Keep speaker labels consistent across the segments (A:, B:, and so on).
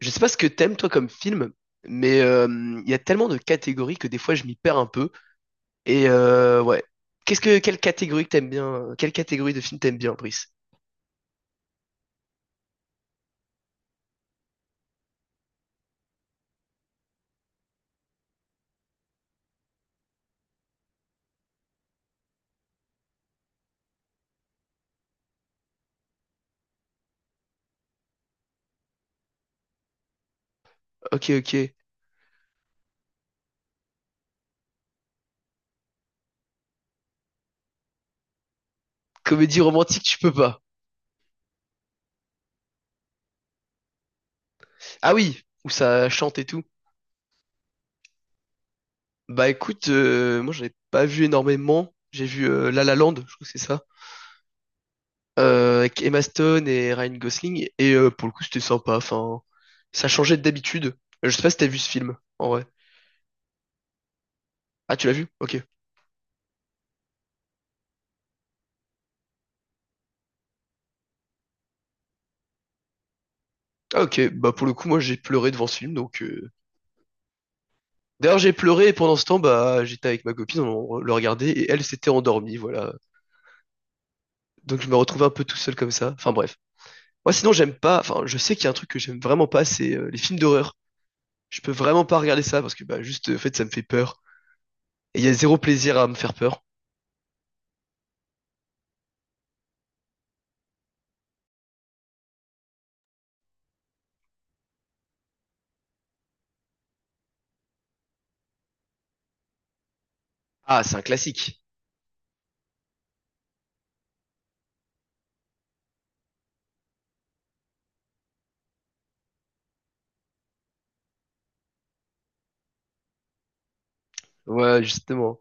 A: Je sais pas ce que t'aimes toi comme film, mais il y a tellement de catégories que des fois je m'y perds un peu. Ouais. Qu'est-ce que quelle catégorie que t'aimes bien? Quelle catégorie de film t'aimes bien, Brice? Ok, ok. Comédie romantique, tu peux pas. Ah oui, où ça chante et tout. Bah écoute, moi j'en ai pas vu énormément. J'ai vu La La Land, je crois que c'est ça, avec Emma Stone et Ryan Gosling. Et pour le coup, c'était sympa. Enfin, ça changeait d'habitude. Je sais pas si t'as vu ce film, en vrai. Ah, tu l'as vu? Ok. Ah, ok, bah pour le coup, moi j'ai pleuré devant ce film, donc. D'ailleurs, j'ai pleuré et pendant ce temps, bah j'étais avec ma copine, on le regardait et elle s'était endormie, voilà. Donc je me retrouvais un peu tout seul comme ça. Enfin bref. Moi sinon, j'aime pas. Enfin, je sais qu'il y a un truc que j'aime vraiment pas, c'est les films d'horreur. Je peux vraiment pas regarder ça parce que bah juste, en fait, ça me fait peur. Et il y a zéro plaisir à me faire peur. Ah, c'est un classique. Ouais, justement.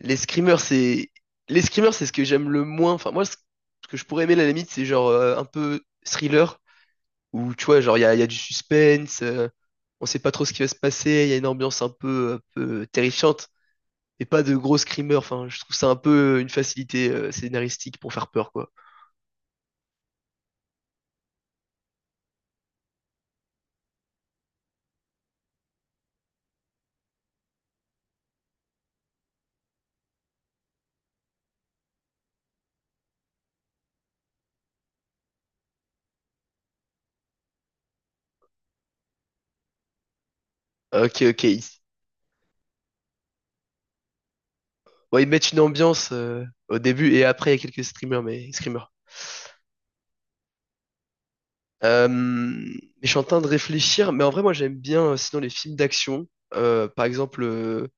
A: Les screamers, c'est les screamers, c'est ce que j'aime le moins. Enfin moi, ce que je pourrais aimer à la limite, c'est genre un peu thriller où tu vois, genre, il y a du suspense, on sait pas trop ce qui va se passer, il y a une ambiance un peu terrifiante, et pas de gros screamers. Enfin, je trouve ça un peu une facilité scénaristique pour faire peur, quoi. Ok, ok. Ouais, ils mettent une ambiance au début et après, il y a quelques screamers. Mais je suis en train de réfléchir, mais en vrai, moi j'aime bien sinon les films d'action. Par exemple, euh,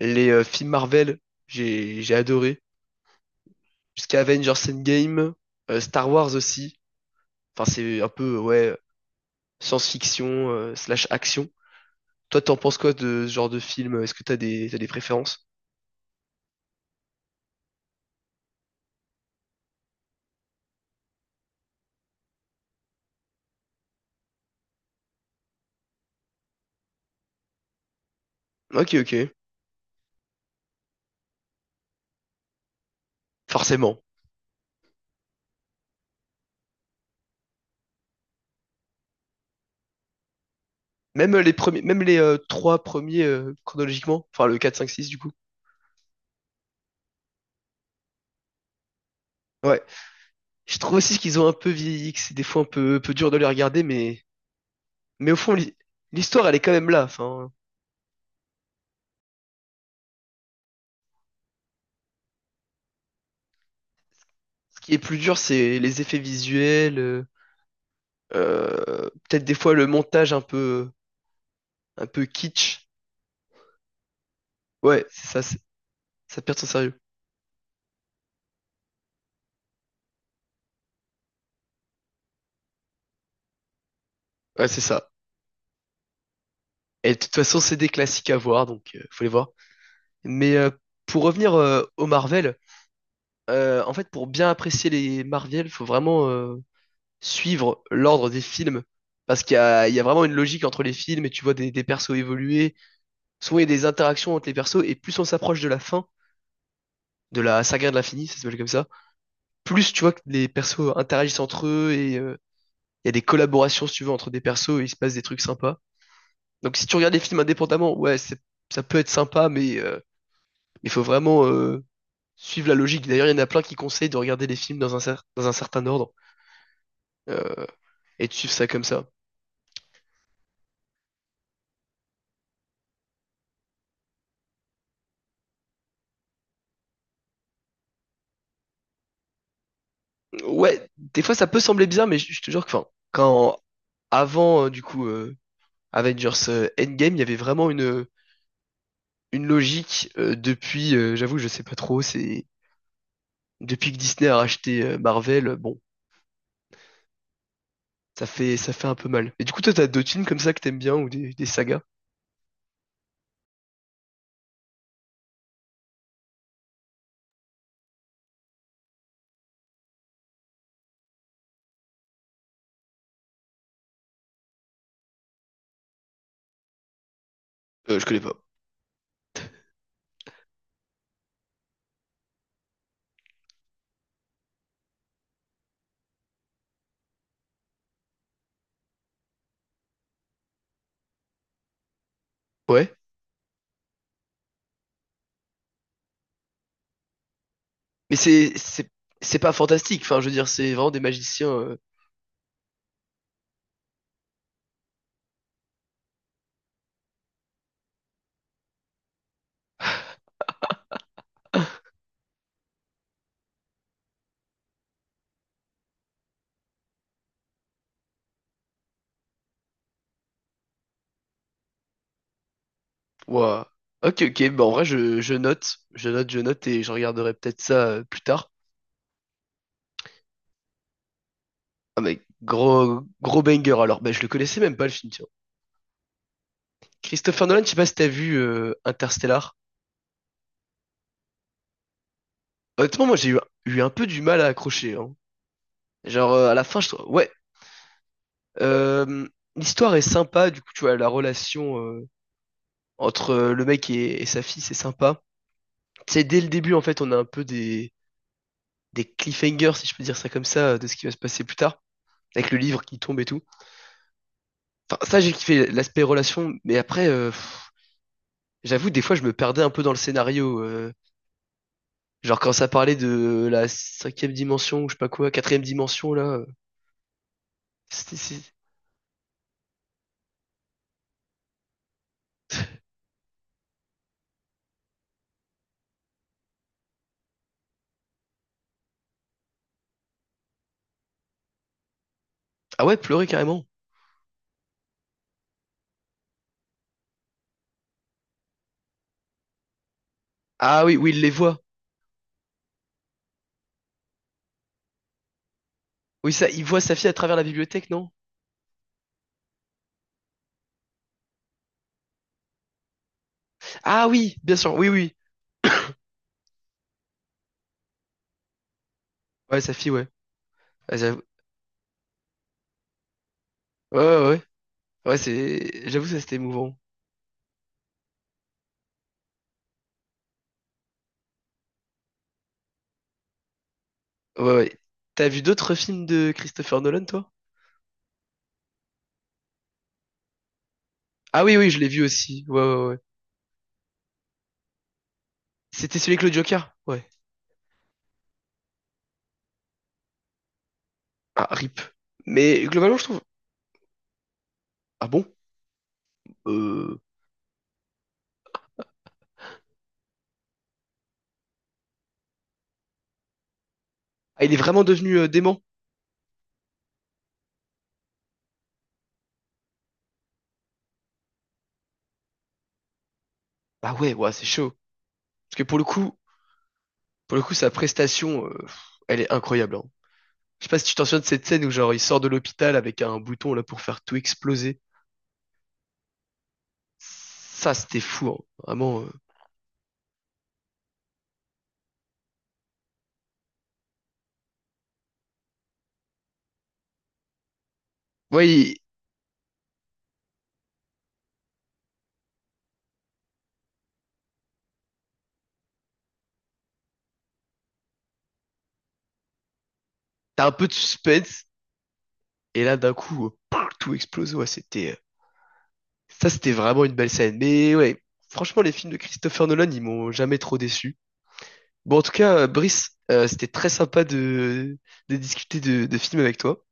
A: les euh, films Marvel, j'ai adoré. Jusqu'à Avengers Endgame, Star Wars aussi. Enfin, c'est un peu, ouais, science-fiction, slash action. Toi, t'en penses quoi de ce genre de film? Est-ce que t'as des préférences? Ok, ok. Forcément. Même les premiers, même les trois premiers chronologiquement, enfin le 4, 5, 6 du coup. Ouais. Je trouve aussi qu'ils ont un peu vieilli, que c'est des fois peu dur de les regarder, mais au fond, l'histoire, elle est quand même là. Enfin, ce qui est plus dur, c'est les effets visuels, peut-être des fois le montage un peu kitsch. Ouais, ça perd son sérieux. Ouais, c'est ça. Et de toute façon, c'est des classiques à voir, donc faut les voir. Mais euh, pour revenir au Marvel, en fait, pour bien apprécier les Marvel, faut vraiment suivre l'ordre des films. Parce qu'il y a vraiment une logique entre les films et tu vois des persos évoluer. Souvent, il y a des interactions entre les persos et plus on s'approche de la fin, de la saga de l'infini, ça s'appelle comme ça, plus tu vois que les persos interagissent entre eux et il y a des collaborations, si tu veux, entre des persos et il se passe des trucs sympas. Donc si tu regardes les films indépendamment, ouais, ça peut être sympa, il faut vraiment suivre la logique. D'ailleurs, il y en a plein qui conseillent de regarder les films dans dans un certain ordre euh, et de suivre ça comme ça. Ouais, des fois ça peut sembler bizarre, mais je te jure que, enfin, quand avant Avengers Endgame, il y avait vraiment une logique depuis. J'avoue, je sais pas trop. C'est depuis que Disney a racheté Marvel, bon, ça fait un peu mal. Et du coup, toi, t'as d'autres films comme ça que t'aimes bien ou des sagas? Je connais pas. Ouais, mais c'est c'est pas fantastique. Enfin, je veux dire, c'est vraiment des magiciens. Euh, ouah. Ok, ok. Bah en vrai, je note et je regarderai peut-être ça plus tard. Ah mais gros gros banger alors ben je le connaissais même pas le film tiens. Christopher Nolan, je sais pas si t'as vu Interstellar. Honnêtement moi eu un peu du mal à accrocher hein. Genre à la fin je trouve ouais euh, l'histoire est sympa du coup tu vois la relation entre le mec et sa fille c'est sympa. Tu sais dès le début en fait on a un peu des cliffhangers si je peux dire ça comme ça de ce qui va se passer plus tard avec le livre qui tombe et tout. Enfin ça j'ai kiffé l'aspect relation mais après pff, j'avoue des fois je me perdais un peu dans le scénario euh. Genre quand ça parlait de la cinquième dimension ou je sais pas quoi, quatrième dimension là, c'était... c'est- Ah ouais, pleurer carrément. Ah oui, oui, il les voit. Oui, ça, il voit sa fille à travers la bibliothèque, non? Ah oui, bien sûr, oui, oui. Ouais, sa fille, ouais. Ouais, j'avoue- ouais, ouais. Ouais, Ouais, c'est... J'avoue, ça, c'était émouvant. Ouais, ouais. T'as vu d'autres films de Christopher Nolan, toi? Ah oui, oui, je l'ai vu aussi. Ouais, ouais, ouais. C'était celui avec le Joker? Ouais. Ah, rip. Mais globalement, je trouve... Ah bon? Euh... Ah, il est vraiment devenu dément? Ah ouais, ouais, c'est chaud. Parce que pour le coup, Pour le coup, sa prestation, elle est incroyable, hein. Je sais pas si tu t'en souviens de cette scène où genre il sort de l'hôpital avec un bouton là pour faire tout exploser. Ça, c'était fou, hein. Vraiment, euh. Ouais, il- t'as un peu de suspense et là d'un coup, pouf, tout explose. Ouais, c'était ça, c'était vraiment une belle scène. Mais ouais, franchement, les films de Christopher Nolan, ils m'ont jamais trop déçu. Bon, en tout cas, Brice, c'était très sympa de discuter de films avec toi.